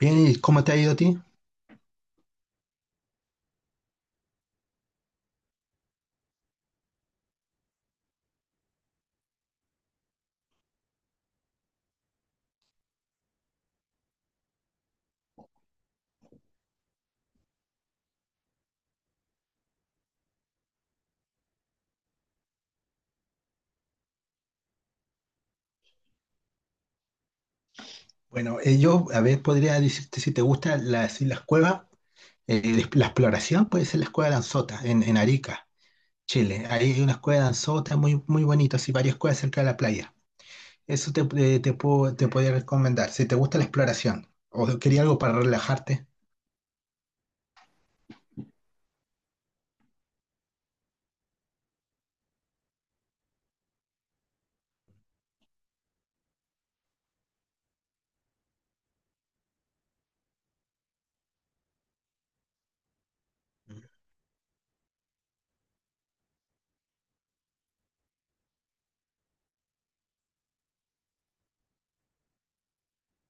Bien, ¿y cómo te ha ido a ti? Bueno, yo, a ver, podría decirte si te gusta si las cuevas, eh, la exploración puede ser la cueva de Anzota, en Arica, Chile. Ahí hay una cueva de Anzota muy, muy bonita, así varias cuevas cerca de la playa. Eso te, te puedo, te podría recomendar, si te gusta la exploración o quería algo para relajarte.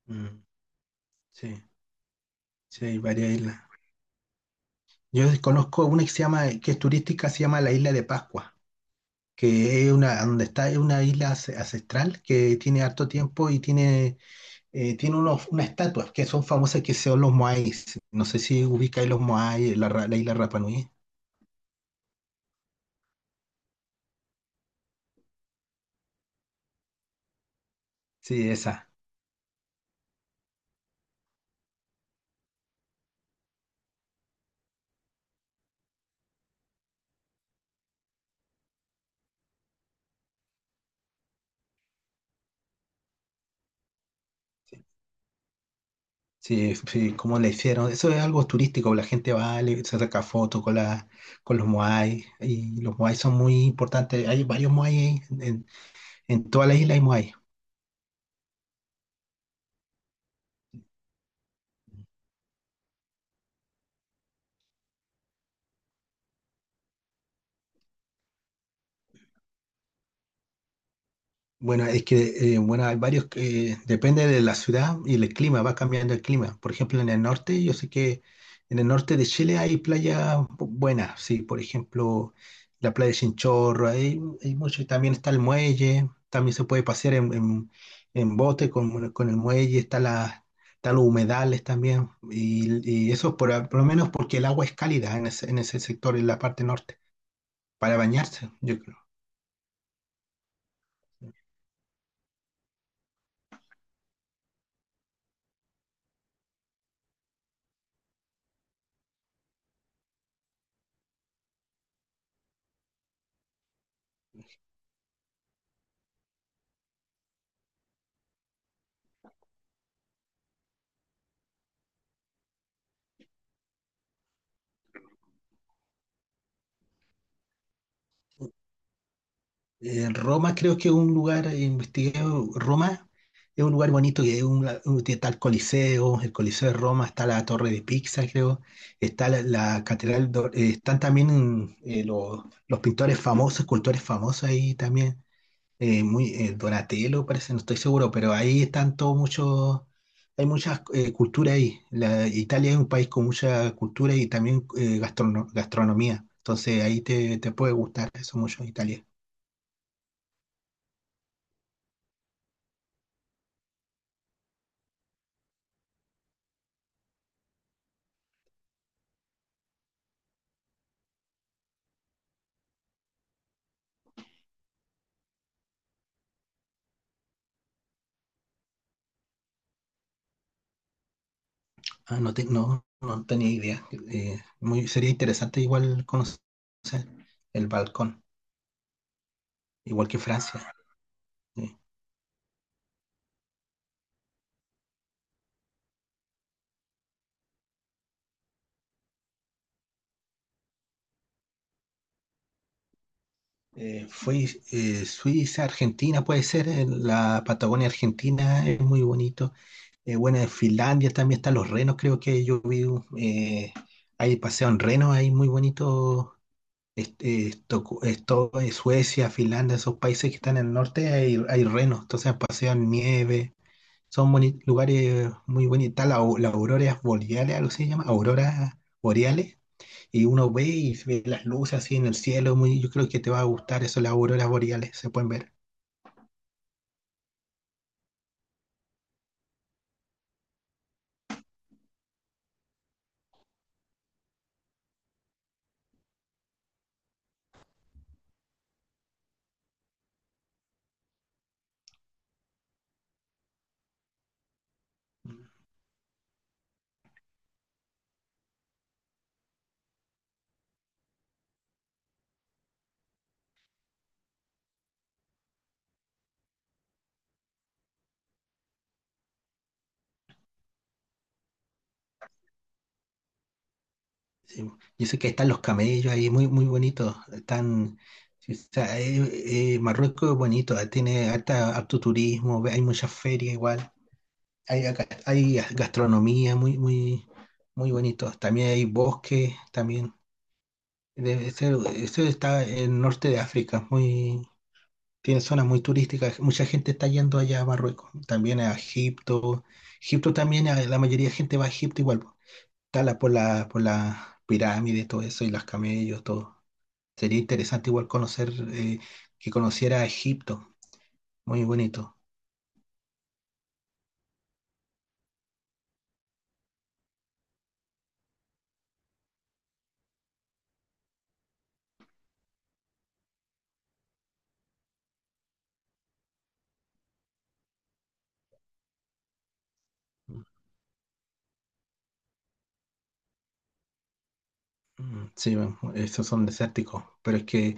Mm, sí, sí, hay varias islas. Yo conozco una que se llama, que es turística, se llama la Isla de Pascua, que es una, donde está, es una ancestral que tiene harto tiempo y tiene, tiene unos, unas estatuas que son famosas, que son los Moais. No sé si ubicáis los Moais, la isla Rapa Nui. Sí, esa. Sí, sí, sí, cómo la hicieron. Eso es algo turístico, la gente va, se saca fotos con, la, con los Moai, y los Moai son muy importantes. Hay varios Moai en toda la isla hay Moai. Bueno, es que bueno, hay varios que depende de la ciudad y el clima, va cambiando el clima. Por ejemplo, en el norte, yo sé que en el norte de Chile hay buenas, sí, por ejemplo, la playa de Chinchorro, hay mucho, y también está el muelle, también se puede en bote con, bueno, con el muelle, está está los humedales también, y eso por lo menos porque el agua es cálida en en ese sector, en la parte norte, para bañarse, yo creo. Roma creo que es un lugar, investigué, Roma es un lugar bonito, que es está el Coliseo de Roma, está la Torre de Pisa, creo, está la Catedral, están también los pintores famosos, escultores famosos ahí también, Donatello parece, no estoy seguro, pero ahí están todos muchos, hay muchas culturas ahí. La, Italia es un país con mucha cultura, y también gastronomía, entonces ahí te puede gustar eso mucho, Italia. Ah, no, no, no tenía idea. Sería interesante igual conocer el balcón, igual que Francia. Eh, fue Suiza, Argentina, puede ser, la Patagonia Argentina es muy bonito. Bueno, en Finlandia también están los renos, creo que yo vi, eh, hay paseo en renos, hay muy bonito. Esto, esto, Suecia, Finlandia, esos países que están en el norte, hay renos, entonces pasean nieve. Son lugares muy bonitos. Está la auroras boreales, algo así se llama, auroras boreales. Y uno ve y se ve las luces así en el cielo. Muy, yo creo que te va a gustar eso, las auroras boreales, se pueden ver. Sí. Yo sé que están los camellos ahí, muy, muy bonitos. Están, sí, o sea, Marruecos es bonito, tiene harta, harto turismo, hay muchas ferias igual. Hay gastronomía muy, muy, muy bonito. También hay bosques, también. Debe ser, eso está en el norte de África, muy, tiene zonas muy turísticas, mucha gente está yendo allá a Marruecos, también a Egipto, Egipto también, la mayoría de gente va a Egipto igual, po. Está por por la pirámide, todo eso, y los camellos, todo. Sería interesante igual conocer, que conociera a Egipto, muy bonito. Mm, sí, bueno, esos son desérticos, pero es que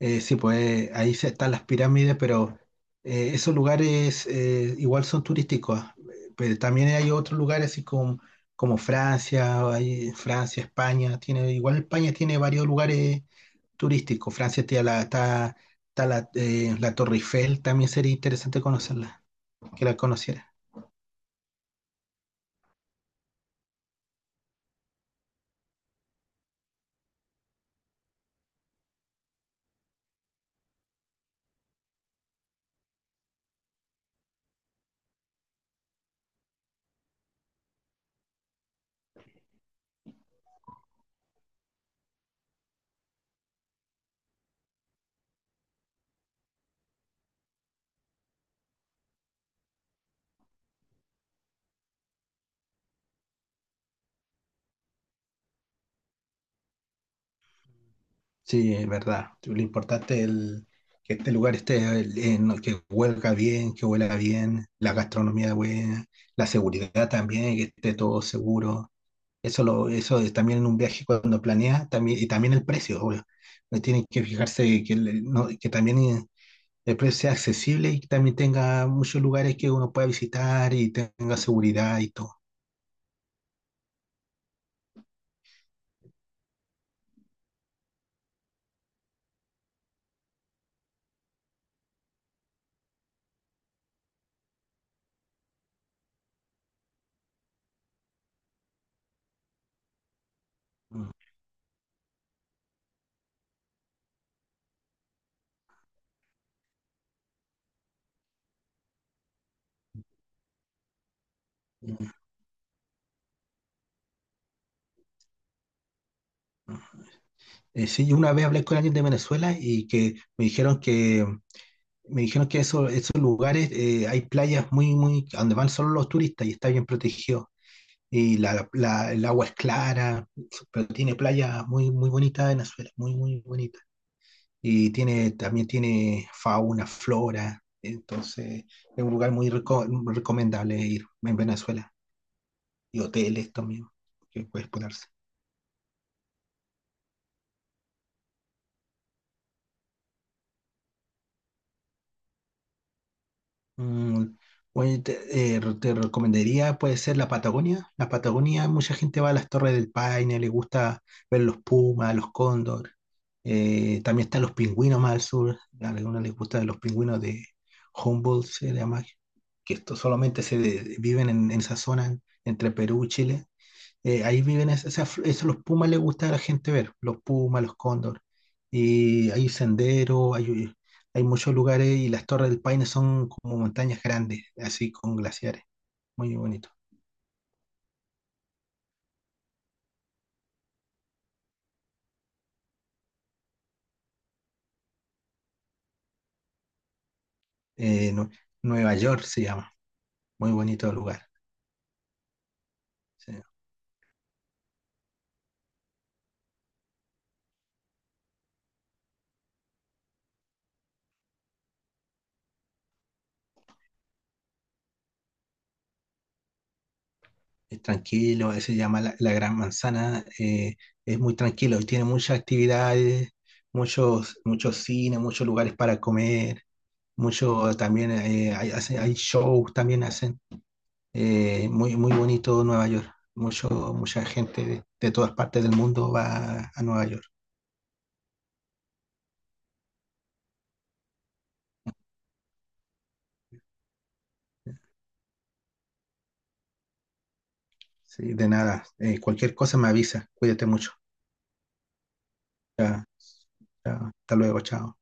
sí, pues ahí están las pirámides, pero esos lugares igual son turísticos, ah, pero también hay otros lugares así como, como Francia, hay Francia, España, tiene, igual España tiene varios lugares turísticos, Francia tiene está, está la Torre Eiffel, también sería interesante conocerla, que la conociera. Sí, es verdad. Lo importante es que este lugar esté, que huelga bien, que huela bien, la gastronomía buena, la seguridad también, que esté todo seguro. Eso, lo, eso es también en un viaje cuando planeas, también, y también el precio, obvio. Tienen que fijarse que, no, que también el precio sea accesible, y que también tenga muchos lugares que uno pueda visitar y tenga seguridad y todo. Mm. Mm. Sí, una vez hablé con alguien de Venezuela y que me dijeron que me dijeron que eso, esos lugares, hay playas muy, muy, a donde van solo los turistas y está bien protegido. Y el agua es clara, pero tiene playas muy, muy bonitas en Venezuela, muy, muy bonitas. Y tiene, también tiene fauna, flora. Entonces, es un lugar recomendable ir en Venezuela. Y hoteles también, que puedes ponerse. Mm, oye, te recomendaría, puede ser la Patagonia. La Patagonia, mucha gente va a las Torres del Paine, le gusta ver los pumas, los cóndor. También están los pingüinos más al sur. A algunos les gustan los pingüinos de Humboldt, se llama, que esto solamente viven en esa zona entre Perú y Chile, ahí viven esas, eso los pumas les gusta a la gente ver, los pumas, los cóndor, y hay senderos, hay, hay muchos lugares, y las Torres del Paine son como montañas grandes, así con glaciares, muy bonito. Eh, Nue- Nueva York se llama, muy bonito lugar. Sí. Es tranquilo, se llama la Gran Manzana, es muy tranquilo y tiene muchas actividades, muchos, muchos cines, muchos lugares para comer, mucho también hay, hay shows también hacen. Muy bonito Nueva York. Mucha gente de todas partes del mundo va a Nueva York. Sí, de nada. Cualquier cosa me avisa. Cuídate mucho. Ya, ya, hasta luego. Chao.